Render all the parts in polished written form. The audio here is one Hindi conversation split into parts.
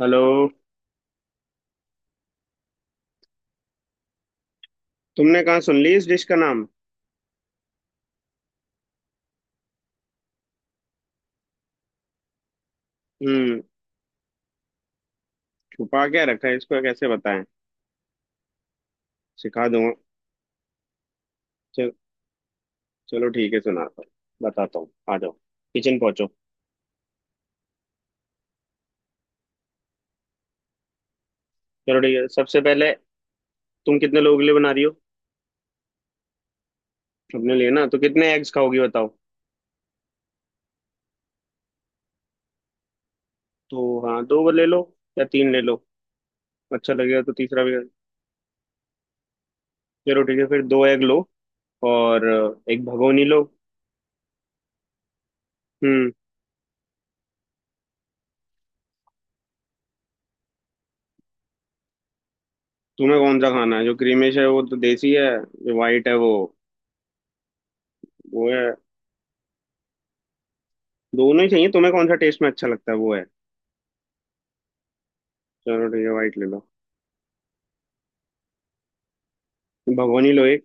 हेलो। तुमने कहाँ सुन ली इस डिश का नाम? हम्म। छुपा क्या रखा है, इसको कैसे बताएं? सिखा दूंगा। चल, चलो ठीक है, सुनाता हूँ। बताता हूँ, आ जाओ। किचन पहुंचो। चलो ठीक है, सबसे पहले तुम कितने लोगों के लिए बना रही हो? अपने लिए ना? तो कितने एग्स खाओगी बताओ। तो हाँ, दो ले लो या तीन ले लो, अच्छा लगेगा तो तीसरा भी। चलो ठीक है, फिर दो एग लो। और एक भगोनी लो। हम्म। तुम्हें कौन सा खाना है? जो क्रीमिश है वो तो देसी है। जो वाइट है वो है। दोनों ही चाहिए? तुम्हें कौन सा टेस्ट में अच्छा लगता है वो है। चलो ठीक है, वाइट ले लो। भगोनी लो एक।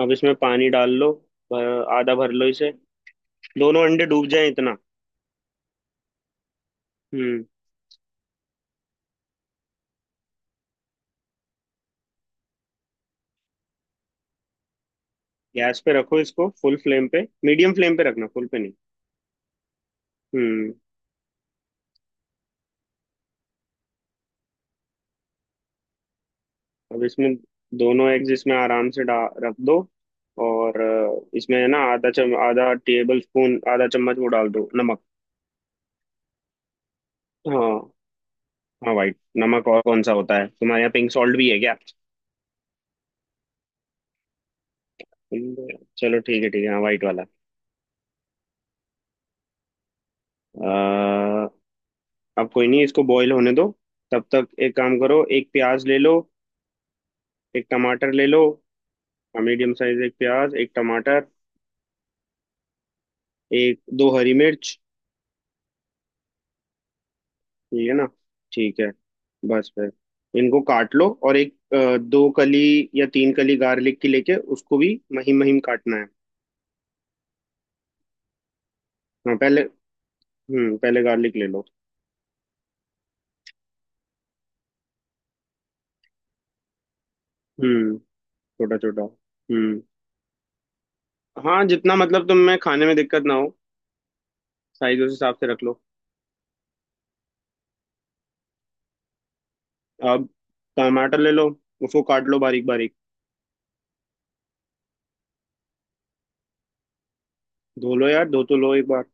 अब इसमें पानी डाल लो। भर, आधा भर लो इसे। दोनों अंडे डूब जाएं इतना। हम्म। गैस पे रखो इसको फुल फ्लेम पे, मीडियम फ्लेम पे रखना, फुल पे नहीं। हम्म। अब इसमें दोनों एग्स इसमें आराम से डा रख दो। और इसमें है ना, आधा चम आधा टेबल स्पून आधा चम्मच वो डाल दो नमक। हाँ। हाँ, वाइट नमक। और कौन सा होता है? तुम्हारे यहाँ पिंक सॉल्ट भी है क्या? चलो ठीक है, ठीक है, हाँ, वाइट वाला। अब कोई नहीं, इसको बॉईल होने दो। तब तक एक काम करो, एक प्याज ले लो। एक टमाटर ले लो। मीडियम साइज, एक प्याज एक टमाटर। एक दो हरी मिर्च। ठीक है ना? ठीक है। बस फिर, इनको काट लो। और एक दो कली या तीन कली गार्लिक की लेके, उसको भी महीन महीन काटना है। हाँ, पहले। पहले गार्लिक ले लो। हम्म। छोटा छोटा, हम्म। हाँ, जितना मतलब तुम्हें खाने में दिक्कत ना हो। साइज उस हिसाब से रख लो। अब टमाटर ले लो। उसको काट लो बारीक बारीक। धो लो यार, धो तो लो एक बार।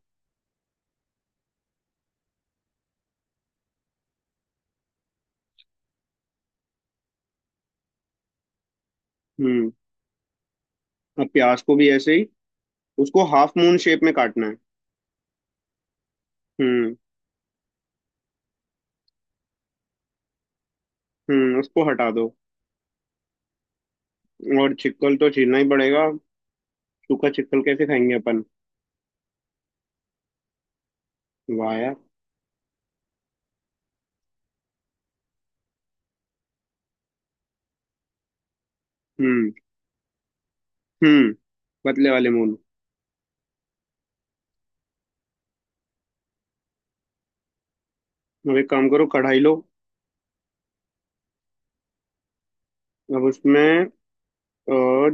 हम्म। अब प्याज को भी ऐसे ही, उसको हाफ मून शेप में काटना है। हम्म, हम्म। उसको हटा दो। और छिकल तो छीलना ही पड़ेगा। सूखा छिकल कैसे खाएंगे अपन? वाह यार। हम्म। हम्म पतले वाले मून। अब एक काम करो, कढ़ाई लो। अब उसमें अ, अ,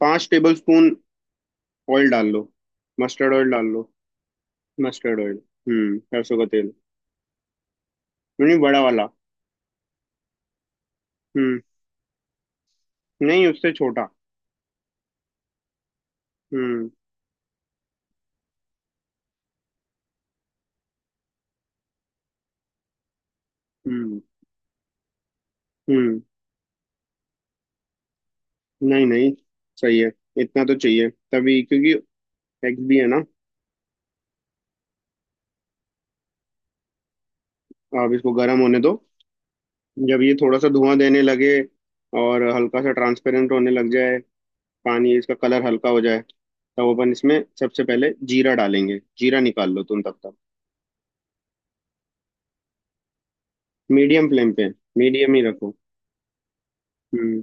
5 टेबल स्पून ऑयल डाल लो, मस्टर्ड ऑयल डाल लो। Mustard oil. सरसों का तेल। नहीं, बड़ा वाला। हम्म नहीं, उससे छोटा। हम्म, हम्म, हम्म। नहीं, नहीं, सही है। इतना तो चाहिए तभी, क्योंकि एग्स भी है ना। आप इसको गर्म होने दो। जब ये थोड़ा सा धुआं देने लगे और हल्का सा ट्रांसपेरेंट होने लग जाए, पानी इसका कलर हल्का हो जाए, तब अपन इसमें सबसे पहले जीरा डालेंगे। जीरा निकाल लो तुम तब तक। मीडियम फ्लेम पे, मीडियम ही रखो। हम्म,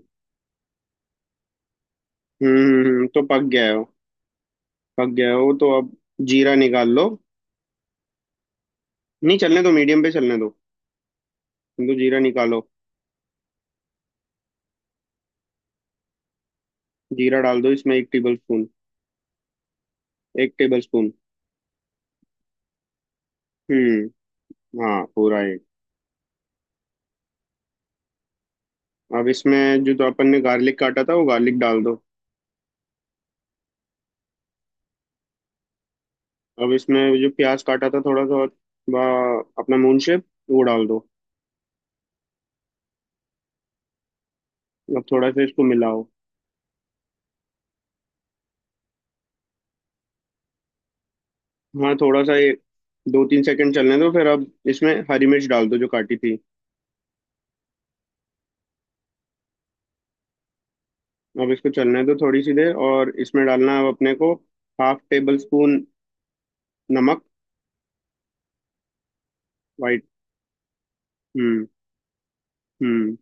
हम्म। तो पक गया है वो। पक गया है वो तो अब। जीरा निकाल लो। नहीं, चलने दो, मीडियम पे चलने दो। तुम तो जीरा निकालो। जीरा डाल दो इसमें 1 टेबल स्पून। 1 table spoon. हाँ, पूरा ही। अब इसमें जो तो अपन ने गार्लिक काटा था, वो गार्लिक डाल दो। अब इसमें जो प्याज काटा था थोड़ा सा, अपना मून शेप वो डाल दो। अब थोड़ा सा इसको मिलाओ। हाँ, थोड़ा सा ये, 2 3 सेकंड चलने दो, फिर अब इसमें हरी मिर्च डाल दो जो काटी थी। अब इसको चलने दो थोड़ी सी देर, और इसमें डालना है अब अपने को हाफ टेबल स्पून नमक, वाइट। हम्म, हम्म।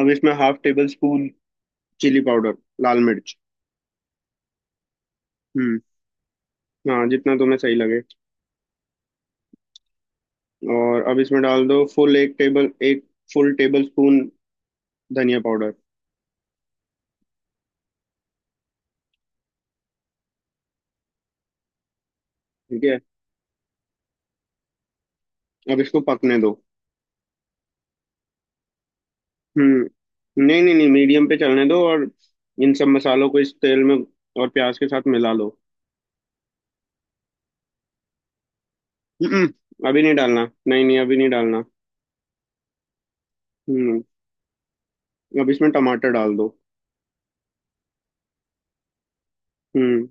अब इसमें half tablespoon chilli powder, लाल मिर्च। हम्म हाँ, जितना तुम्हें सही लगे। और अब इसमें डाल दो, फुल टेबल स्पून धनिया पाउडर। ठीक है। अब इसको पकने दो। हम्म नहीं, नहीं, नहीं, मीडियम पे चलने दो और इन सब मसालों को इस तेल में और प्याज के साथ मिला लो। अभी नहीं डालना, नहीं, नहीं, अभी नहीं डालना। हम्म अब इसमें टमाटर डाल दो। हम्म,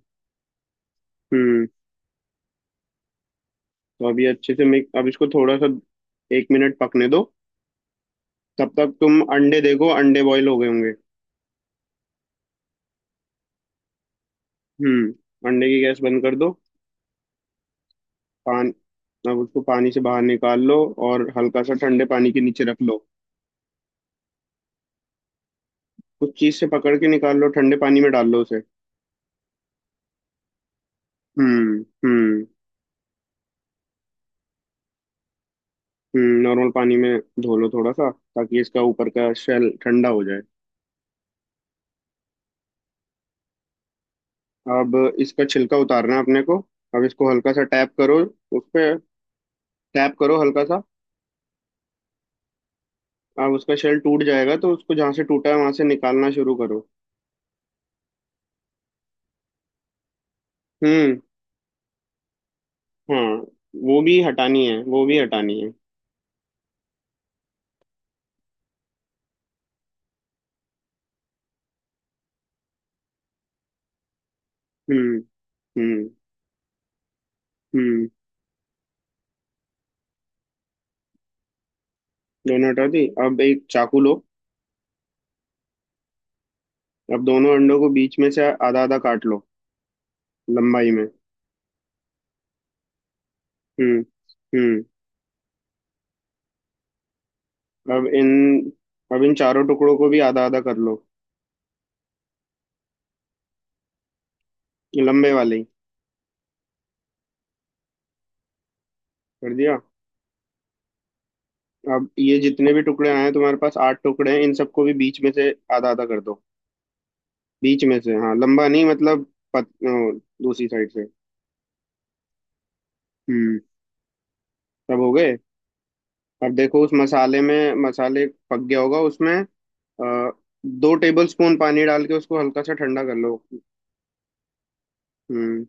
हम्म। तो अभी अच्छे से मिक्स, अब इसको थोड़ा सा 1 मिनट पकने दो, तब तक तुम अंडे देखो, अंडे बॉईल हो गए होंगे। अंडे की गैस बंद कर दो। पान अब उसको पानी से बाहर निकाल लो। और हल्का सा ठंडे पानी के नीचे रख लो। कुछ चीज से पकड़ के निकाल लो, ठंडे पानी में डाल लो उसे। हम्म, हम्म। नॉर्मल पानी में धो लो थोड़ा सा, ताकि इसका ऊपर का शेल ठंडा हो जाए। अब इसका छिलका उतारना है अपने को। अब इसको हल्का सा टैप करो उस पे, टैप करो हल्का सा। अब उसका शेल टूट जाएगा, तो उसको जहाँ से टूटा है वहां से निकालना शुरू करो। हम्म हाँ, वो भी हटानी है, वो भी हटानी है। हम्म, हम्म। हम्म दोनों हटा दी, अब एक चाकू लो। अब दोनों अंडों को बीच में से आधा आधा काट लो, लंबाई में। हम्म, हम्म। अब इन अब इन चारों टुकड़ों को भी आधा आधा कर लो। लंबे वाले ही। कर दिया। अब ये जितने भी टुकड़े आए हैं, तुम्हारे पास आठ टुकड़े हैं, इन सबको भी बीच में से आधा आधा कर दो। बीच में से, हाँ, लंबा नहीं मतलब। दूसरी साइड से। हम्म सब हो गए। अब देखो उस मसाले में, मसाले पक गया होगा, उसमें 2 टेबल स्पून पानी डाल के उसको हल्का सा ठंडा कर लो। हम्म,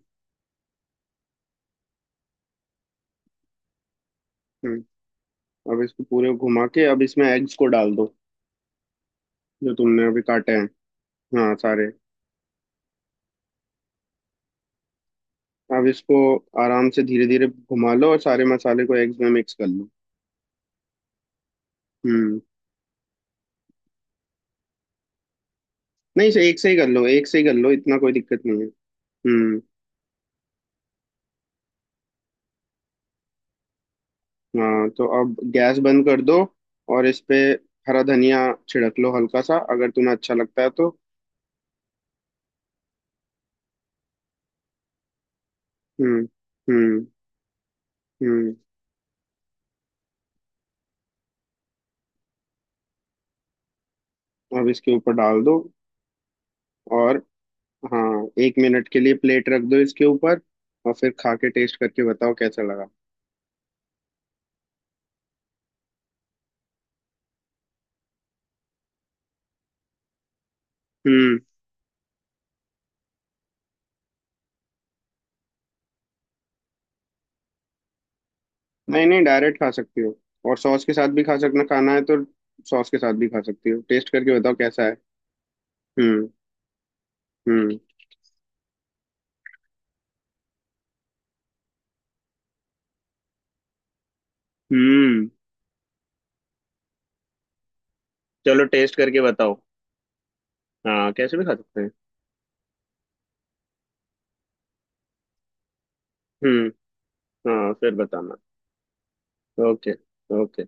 हम्म। अब इसको पूरे घुमा के, अब इसमें एग्स को डाल दो, जो तुमने अभी काटे हैं, हाँ, सारे। अब इसको आराम से धीरे धीरे घुमा लो, और सारे मसाले को एग्स में मिक्स कर लो। हम्म नहीं, से एक से ही कर लो, एक से ही कर लो, इतना कोई दिक्कत नहीं है। हम्म। हाँ तो अब गैस बंद कर दो और इस पे हरा धनिया छिड़क लो हल्का सा, अगर तुम्हें अच्छा लगता है तो। हम्म, हम्म। हम्म अब इसके ऊपर डाल दो। और हाँ, 1 मिनट के लिए प्लेट रख दो इसके ऊपर, और फिर खा के टेस्ट करके बताओ कैसा लगा। हम्म नहीं, नहीं, डायरेक्ट खा सकती हो। और सॉस के साथ भी खा सकना, खाना है तो, सॉस के साथ भी खा सकती हो, टेस्ट करके बताओ कैसा है। हम्म, हम्म। हम्म चलो, टेस्ट करके बताओ। हाँ, कैसे भी खा सकते हैं। हम्म हाँ, फिर बताना। ओके। ओके।